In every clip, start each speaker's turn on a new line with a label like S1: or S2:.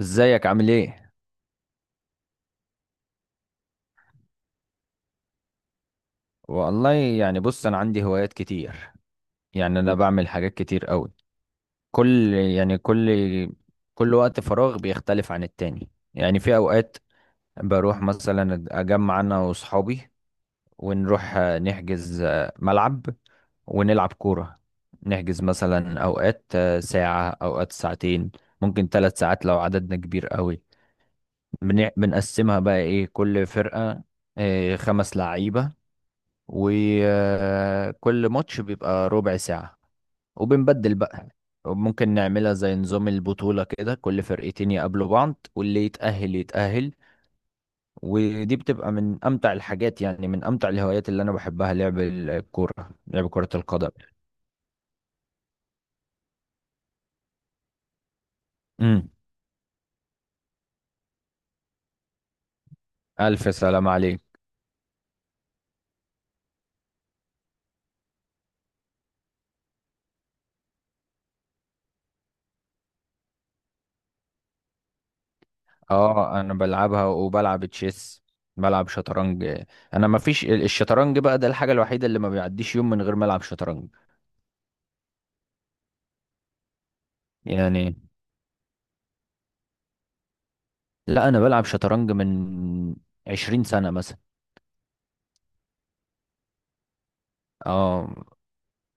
S1: ازيك عامل ايه؟ والله، يعني بص انا عندي هوايات كتير. يعني انا بعمل حاجات كتير قوي. كل يعني كل كل وقت فراغ بيختلف عن التاني. يعني في اوقات بروح مثلا اجمع انا واصحابي، ونروح نحجز ملعب ونلعب كورة. نحجز مثلا اوقات ساعة، اوقات ساعتين، ممكن ثلاث ساعات لو عددنا كبير قوي. بنقسمها بقى ايه، كل فرقة خمس لعيبة، وكل ماتش بيبقى ربع ساعة وبنبدل بقى. ممكن نعملها زي نظام البطولة كده، كل فرقتين يقابلوا بعض واللي يتأهل يتأهل. ودي بتبقى من أمتع الحاجات، يعني من أمتع الهوايات اللي أنا بحبها لعب الكورة، لعب كرة القدم. امم. ألف سلام عليك. اه أنا بلعبها وبلعب تشيس، بلعب شطرنج. أنا ما فيش الشطرنج بقى، ده الحاجة الوحيدة اللي ما بيعديش يوم من غير ما ألعب شطرنج. يعني لا، انا بلعب شطرنج من 20 سنة مثلا. اه،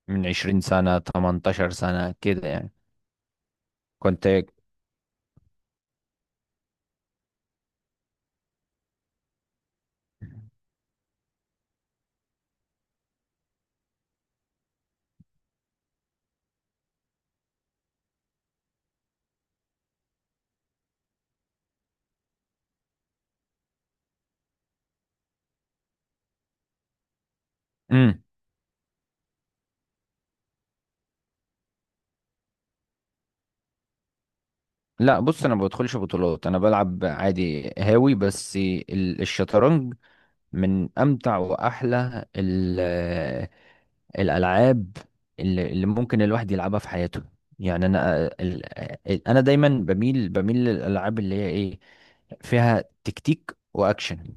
S1: من 20 سنة 18 سنة كده يعني. كنت امم لا بص، انا ما بدخلش بطولات، انا بلعب عادي هاوي. بس الشطرنج من امتع واحلى الالعاب اللي ممكن الواحد يلعبها في حياته. يعني انا ال- انا دايما بميل للالعاب اللي هي ايه، فيها تكتيك واكشن.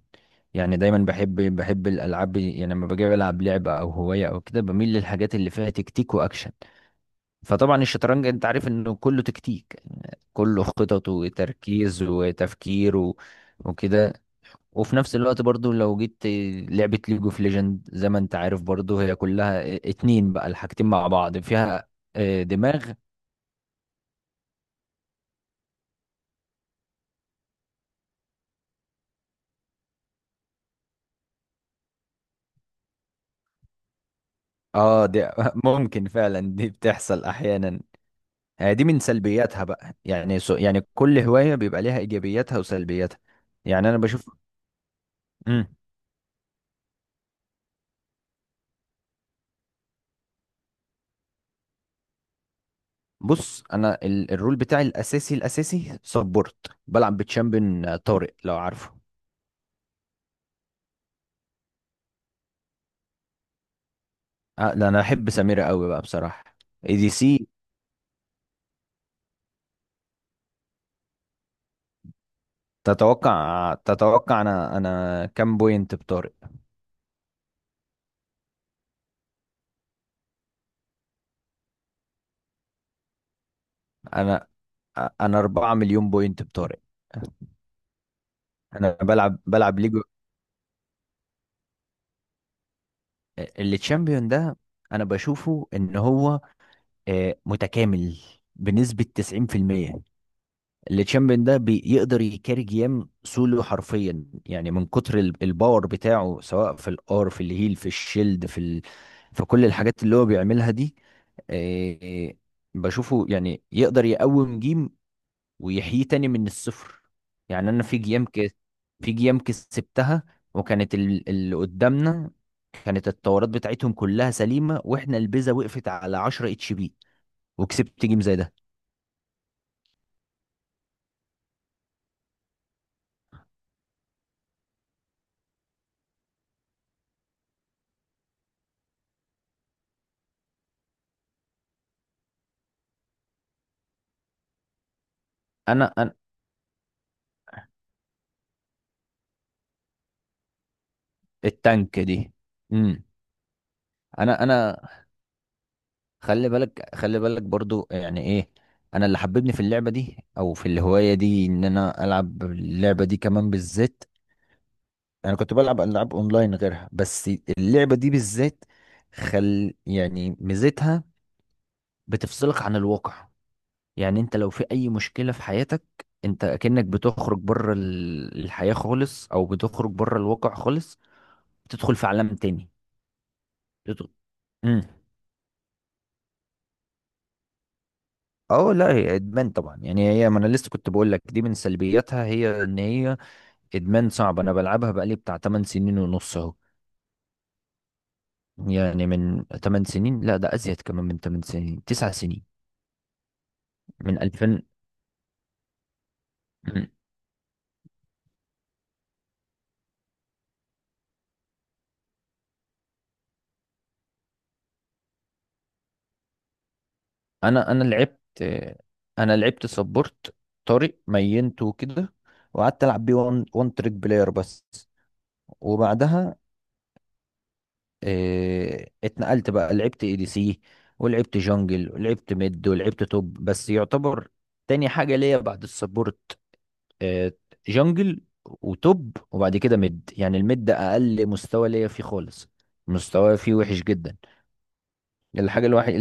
S1: يعني دايما بحب الالعاب، يعني لما باجي العب لعبه او هوايه او كده بميل للحاجات اللي فيها تكتيك واكشن. فطبعا الشطرنج انت عارف انه كله تكتيك، كله خطط وتركيز وتفكير وكده. وفي نفس الوقت برضو لو جيت لعبة ليج اوف ليجند، زي ما انت عارف برضو هي كلها اتنين بقى، الحاجتين مع بعض فيها دماغ. اه دي ممكن فعلا، دي بتحصل احيانا. دي من سلبياتها بقى، يعني سو يعني كل هواية بيبقى ليها ايجابياتها وسلبياتها. يعني انا بشوف. مم. بص، انا الرول بتاعي الاساسي، الاساسي سبورت. بلعب بتشامبيون طارق، لو عارفه. لا، انا احب سميرة قوي بقى بصراحة. اي دي سي، تتوقع تتوقع انا كام بوينت بطارق؟ انا انا 4 مليون بوينت بطارق. انا بلعب ليج. اللي تشامبيون ده انا بشوفه ان هو متكامل بنسبة 90%. اللي تشامبيون ده بيقدر يكاري جيم سولو حرفيا، يعني من كتر الباور بتاعه، سواء في الار في الهيل في الشيلد في كل الحاجات اللي هو بيعملها دي. آه، بشوفه يعني يقدر يقوم جيم ويحييه تاني من الصفر. يعني انا في جيام كده، في جيام كسبتها، وكانت اللي قدامنا كانت التورات بتاعتهم كلها سليمة، واحنا البيزا وقفت على 10 اتش بي، وكسبت جيم زي ده. انا التانك دي. امم. انا خلي بالك برضو يعني ايه، انا اللي حببني في اللعبة دي او في الهواية دي ان انا العب اللعبة دي كمان بالذات. انا كنت بلعب العاب اونلاين غيرها، بس اللعبه دي بالذات خل يعني ميزتها بتفصلك عن الواقع. يعني انت لو في اي مشكله في حياتك، انت كأنك بتخرج بره الحياه خالص، او بتخرج بره الواقع خالص، بتدخل في عالم تاني. بتدخل امم اه لا، هي ادمان طبعا. يعني هي، ما انا لسه كنت بقول لك دي من سلبياتها، هي ان هي ادمان صعب. انا بلعبها بقالي بتاع 8 سنين ونص اهو. يعني من 8 سنين، لا ده ازيد، كمان من 8 سنين 9 سنين، من 2000. انا انا لعبت انا لعبت سبورت، طارق مينته وكده، وقعدت العب بيه وان تريك بلاير بس. وبعدها اتنقلت بقى، لعبت اي دي سي، ولعبت جونجل، ولعبت ميد، ولعبت توب، بس يعتبر تاني حاجة ليا بعد السبورت آه، جونجل وتوب، وبعد كده ميد. يعني الميد ده اقل مستوى ليا فيه خالص، مستواي فيه وحش جدا. الحاجة الوحيدة،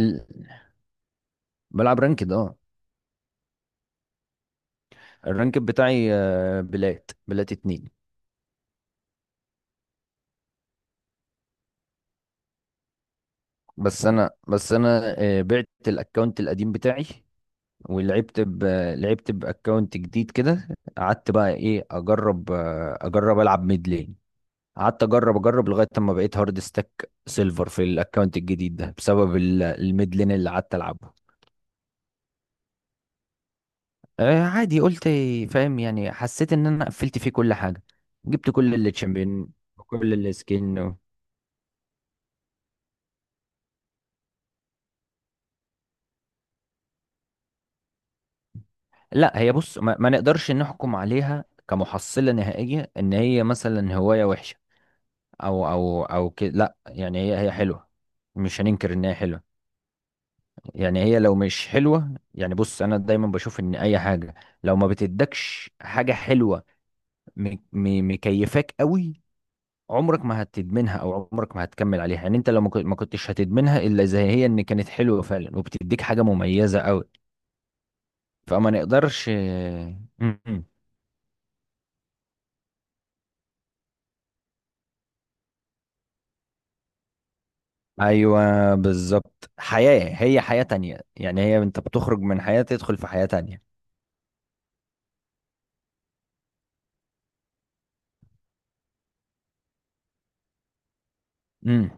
S1: بلعب رانكد، اه. الرانك بتاعي بلات اتنين. بس انا، بعت الاكونت القديم بتاعي، ولعبت لعبت باكونت جديد كده. قعدت بقى ايه اجرب، اجرب العب ميد لين. قعدت اجرب لغايه اما بقيت هارد ستاك سيلفر في الاكونت الجديد ده، بسبب الميد لين اللي قعدت العبه. آه عادي، قلت فاهم يعني، حسيت ان انا قفلت فيه كل حاجه، جبت كل اللي تشامبيون وكل السكين. لا هي بص، ما نقدرش نحكم عليها كمحصلة نهائية ان هي مثلا هواية وحشة، او كده، لا. يعني هي هي حلوة، مش هننكر ان هي حلوة. يعني هي لو مش حلوة، يعني بص انا دايما بشوف ان اي حاجة لو ما بتدكش حاجة حلوة، مكيفاك قوي، عمرك ما هتدمنها او عمرك ما هتكمل عليها. يعني انت لو ما كنتش هتدمنها، الا زي هي ان كانت حلوة فعلا وبتديك حاجة مميزة قوي. فما نقدرش م- م. ايوه بالظبط، حياة، هي حياة تانية، يعني هي انت بتخرج من حياة تدخل في حياة تانية. امم.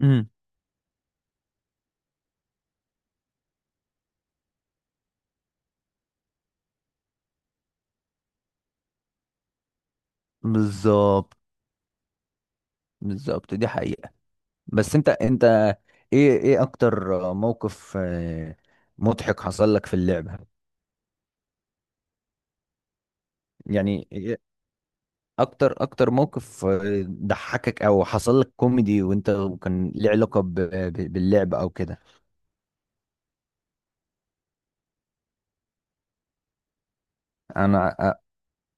S1: امم. بالظبط، بالظبط دي حقيقة. بس انت ايه اكتر موقف مضحك حصل لك في اللعبة؟ يعني إيه؟ اكتر موقف ضحكك او حصل لك كوميدي وانت، كان ليه علاقة باللعبة او كده. انا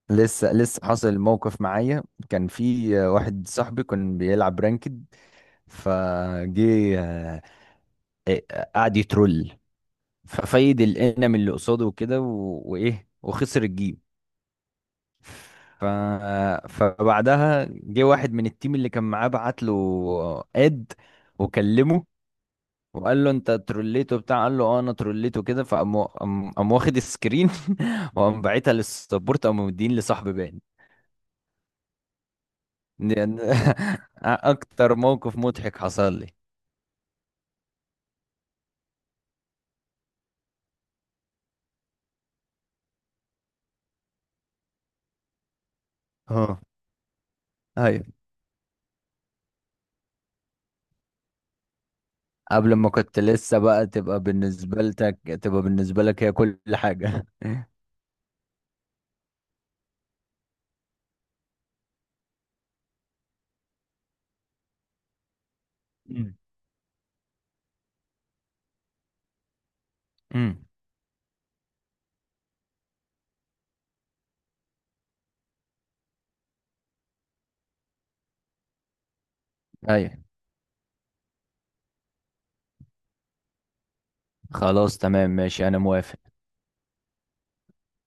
S1: لسه حاصل موقف معايا. كان في واحد صاحبي كان بيلعب رانكد، فجه قعد يترول، ففايد الانم اللي قصاده وكده وايه، وخسر الجيم. ف... فبعدها جه واحد من التيم اللي كان معاه، بعت له اد وكلمه، وقال له انت تروليته بتاع، قال له اه انا تروليته كده. فقام، قام قام واخد السكرين وقام باعتها للسبورت، قام مدين لصاحبي بان. دي- اكتر موقف مضحك حصل لي. اه. ايوه. قبل ما كنت لسه بقى، تبقى بالنسبة لك هي كل حاجة. أمم. أمم. ايوه. خلاص تمام ماشي، انا موافق.